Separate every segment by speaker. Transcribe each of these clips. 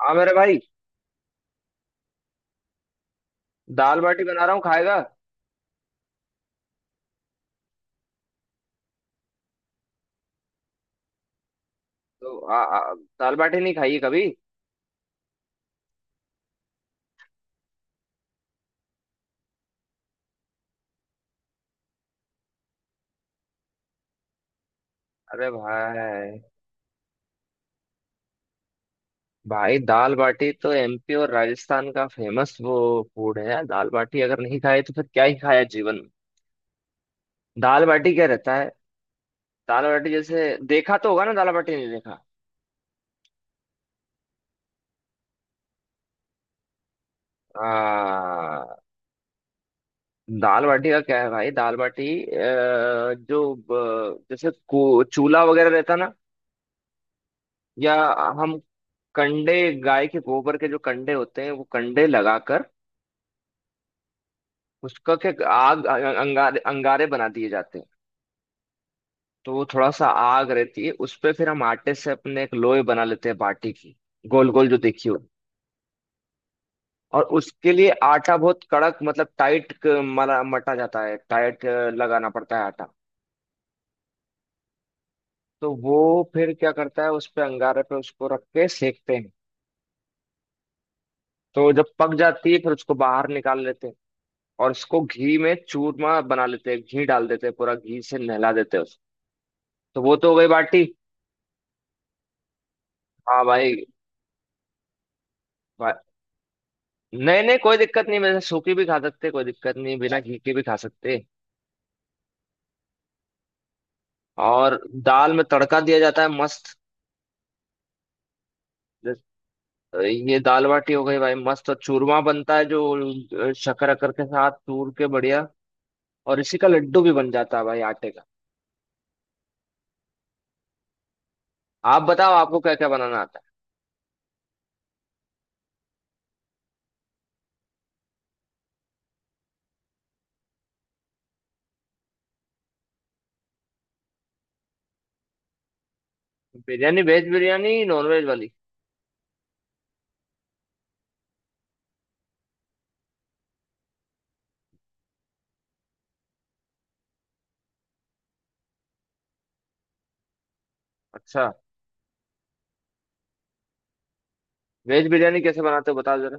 Speaker 1: हाँ मेरे भाई। दाल बाटी बना रहा हूँ, खाएगा? तो आ, आ, दाल बाटी नहीं खाई है कभी? अरे भाई। भाई, दाल बाटी तो एमपी और राजस्थान का फेमस वो फूड है यार। दाल बाटी अगर नहीं खाए तो फिर क्या ही खाया जीवन में। दाल बाटी क्या रहता है? दाल बाटी जैसे देखा तो होगा ना, दाल बाटी नहीं देखा? आ, दाल बाटी का क्या है भाई, दाल बाटी जो जैसे चूल्हा वगैरह रहता ना, या हम कंडे, गाय के गोबर के जो कंडे होते हैं वो कंडे लगाकर उसका क्या आग, अंगारे अंगारे बना दिए जाते हैं। तो वो थोड़ा सा आग रहती है उस पे, फिर हम आटे से अपने एक लोई बना लेते हैं बाटी की, गोल गोल जो देखी हो। और उसके लिए आटा बहुत कड़क, मतलब टाइट मरा मटा जाता है। टाइट लगाना पड़ता है आटा। तो वो फिर क्या करता है, उस पे अंगारे पे उसको रख के सेकते हैं। तो जब पक जाती है फिर उसको बाहर निकाल लेते हैं, और इसको घी में चूरमा बना लेते हैं, घी डाल देते हैं, पूरा घी से नहला देते हैं उसको। तो वो तो हो गई बाटी। हाँ भाई। नहीं नहीं, कोई दिक्कत नहीं, वैसे सूखी भी खा सकते, कोई दिक्कत नहीं, बिना घी के भी खा सकते। और दाल में तड़का दिया जाता है मस्त। ये दाल बाटी हो गई भाई मस्त, और चूरमा बनता है जो शक्कर अकर के साथ चूर के बढ़िया, और इसी का लड्डू भी बन जाता है भाई आटे का। आप बताओ, आपको क्या क्या बनाना आता है? Biryani? Veg biryani, non veg वाली? अच्छा। वेज बिरयानी कैसे बनाते हो, बताओ जरा।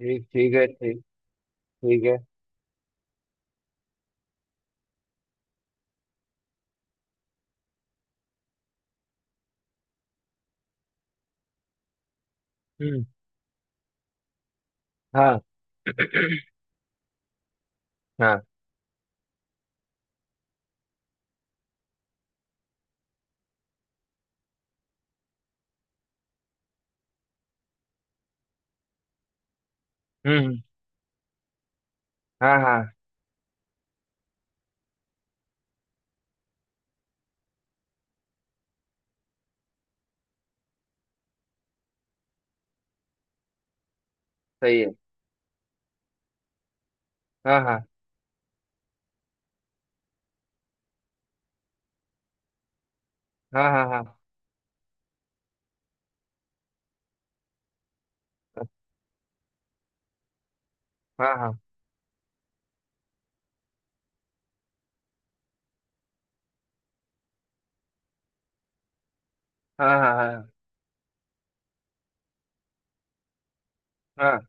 Speaker 1: ठीक, ठीक है, ठीक। ठीक है। हम्म। हाँ। हाँ। हम्म। हाँ हाँ। सही है। हाँ हाँ हाँ। हाँ हाँ हाँ। हाँ हाँ हाँ। हाँ। हाँ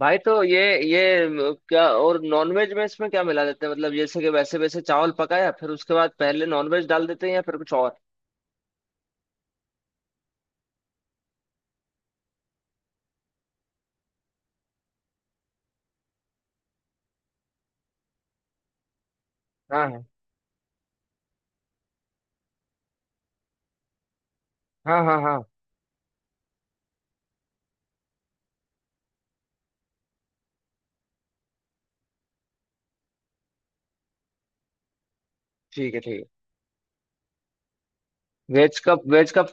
Speaker 1: भाई तो ये क्या, और नॉनवेज में इसमें क्या मिला देते हैं, मतलब जैसे कि वैसे वैसे चावल पकाया फिर उसके बाद पहले नॉनवेज डाल देते हैं, या फिर कुछ और? हाँ हाँ हाँ। हाँ हाँ। ठीक है, ठीक है।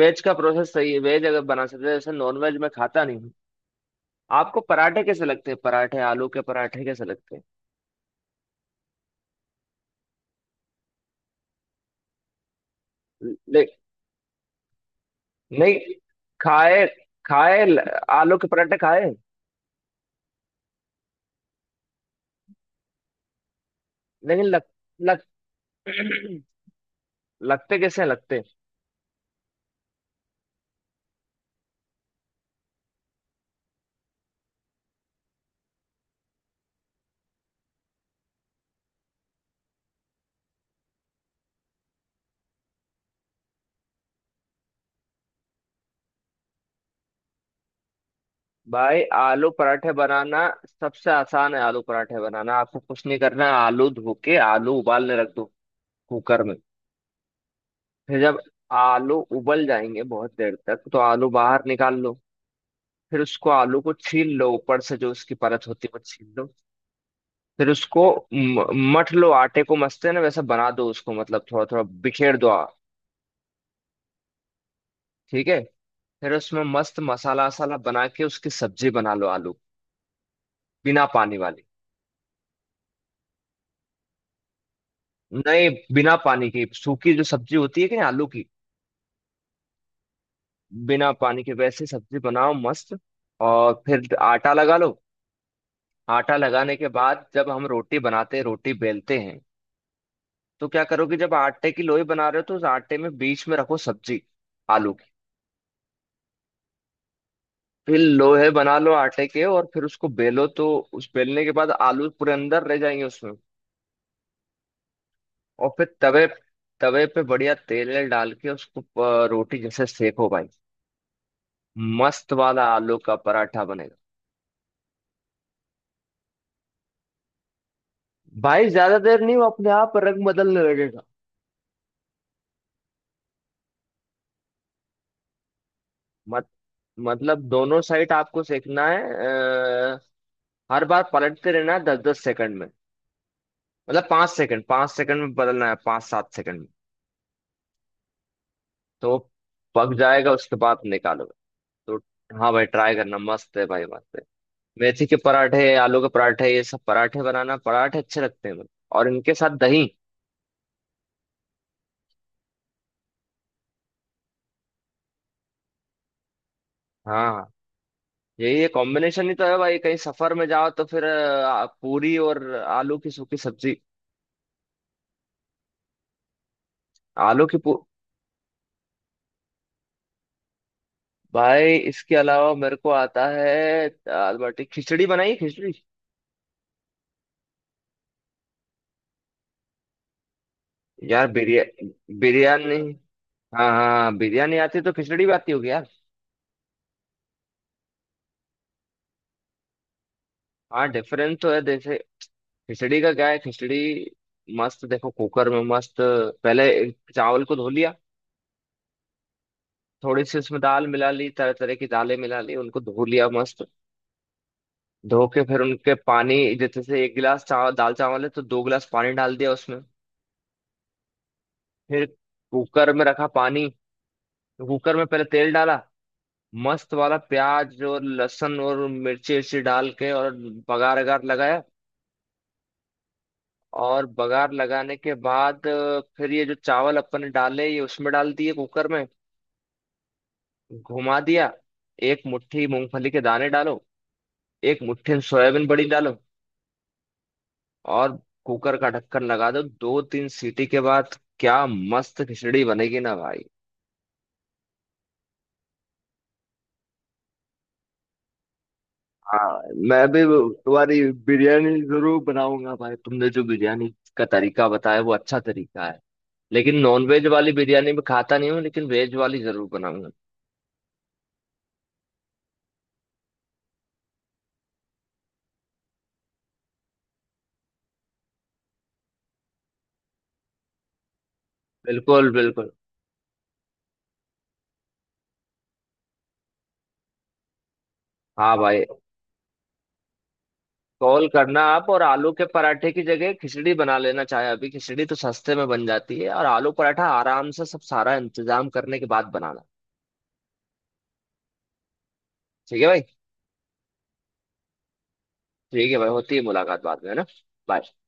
Speaker 1: वेज का प्रोसेस सही है। वेज अगर बना सकते हैं, जैसे नॉनवेज में खाता नहीं हूँ। आपको पराठे कैसे लगते हैं? पराठे, आलू के पराठे कैसे लगते हैं? ले, नहीं, खाए। खाए। आलू के पराठे खाए? लेकिन लग, लग, लगते कैसे हैं? लगते? भाई आलू पराठे बनाना सबसे आसान है। आलू पराठे बनाना, आपको कुछ नहीं करना है, आलू धो के आलू उबालने रख दो कुकर में। फिर जब आलू उबल जाएंगे बहुत देर तक, तो आलू बाहर निकाल लो। फिर उसको, आलू को छील लो, ऊपर से जो उसकी परत होती है वो छील लो। फिर उसको म- मथ लो, आटे को मसते हैं ना वैसा बना दो उसको, मतलब थोड़ा थोड़ा बिखेर दो ठीक है। फिर उसमें मस्त मसाला वसाला बना के उसकी सब्जी बना लो, आलू बिना पानी वाली। नहीं, बिना पानी की सूखी जो सब्जी होती है कि नहीं आलू की, बिना पानी के वैसे सब्जी बनाओ मस्त। और फिर आटा लगा लो। आटा लगाने के बाद जब हम रोटी बनाते हैं, रोटी बेलते हैं, तो क्या करो कि जब आटे की लोई बना रहे हो तो उस आटे में बीच में रखो सब्जी, आलू की। फिर लोहे बना लो आटे के, और फिर उसको बेलो तो उस बेलने के बाद आलू पूरे अंदर रह जाएंगे उसमें। और फिर तवे, तवे पे बढ़िया तेल वेल डाल के उसको रोटी जैसे सेको भाई, मस्त वाला आलू का पराठा बनेगा। भाई ज्यादा देर नहीं, वो अपने आप रंग बदलने लगेगा। मतलब दोनों साइड आपको सेकना है। हर बार पलटते रहना है, दस दस सेकंड में। मतलब पांच सेकंड में बदलना है, पांच सात सेकंड में। तो वो पक जाएगा, उसके बाद निकालोगे, तो हाँ भाई ट्राई करना, मस्त है भाई, मस्त है। मेथी के पराठे, आलू के पराठे, ये सब पराठे बनाना, पराठे अच्छे लगते हैं मुझे, और इनके साथ दही। हाँ, यही ये कॉम्बिनेशन ही तो है भाई। कहीं सफर में जाओ तो फिर पूरी और आलू की सूखी सब्जी। आलू की पू- भाई इसके अलावा मेरे को आता है दाल बाटी, खिचड़ी बनाई है, खिचड़ी। यार बिरिया बिरयानी। हाँ हाँ हाँ, बिरयानी आती है तो खिचड़ी भी आती होगी यार। हाँ, डिफरेंस तो है। जैसे खिचड़ी का क्या है, खिचड़ी मस्त देखो, कुकर में मस्त पहले चावल को धो लिया, थोड़ी सी उसमें दाल मिला ली, तरह तरह की दालें मिला ली, उनको धो लिया मस्त। धो के फिर उनके पानी, जैसे से एक गिलास चावल, दाल चावल है तो दो गिलास पानी डाल दिया उसमें। फिर कुकर में रखा पानी। कुकर में पहले तेल डाला मस्त वाला, प्याज और लहसुन और मिर्ची उर्ची डाल के, और बघार अगार लगाया। और बघार लगाने के बाद फिर ये जो चावल अपन ने डाले ये उसमें डाल दिए कुकर में, घुमा दिया। एक मुट्ठी मूंगफली के दाने डालो, एक मुट्ठी सोयाबीन बड़ी डालो, और कुकर का ढक्कन लगा दो, दो तीन सीटी के बाद क्या मस्त खिचड़ी बनेगी ना भाई। हाँ, मैं भी तुम्हारी बिरयानी जरूर बनाऊंगा भाई। तुमने जो बिरयानी का तरीका बताया वो अच्छा तरीका है, लेकिन नॉन वेज वाली बिरयानी में खाता नहीं हूँ, लेकिन वेज वाली जरूर बनाऊंगा। बिल्कुल बिल्कुल। हाँ भाई, कॉल करना आप, और आलू के पराठे की जगह खिचड़ी बना लेना चाहे अभी। खिचड़ी तो सस्ते में बन जाती है, और आलू पराठा आराम से सब सारा इंतजाम करने के बाद बनाना। ठीक है भाई। ठीक है भाई, होती है मुलाकात बाद में, है ना। Bye.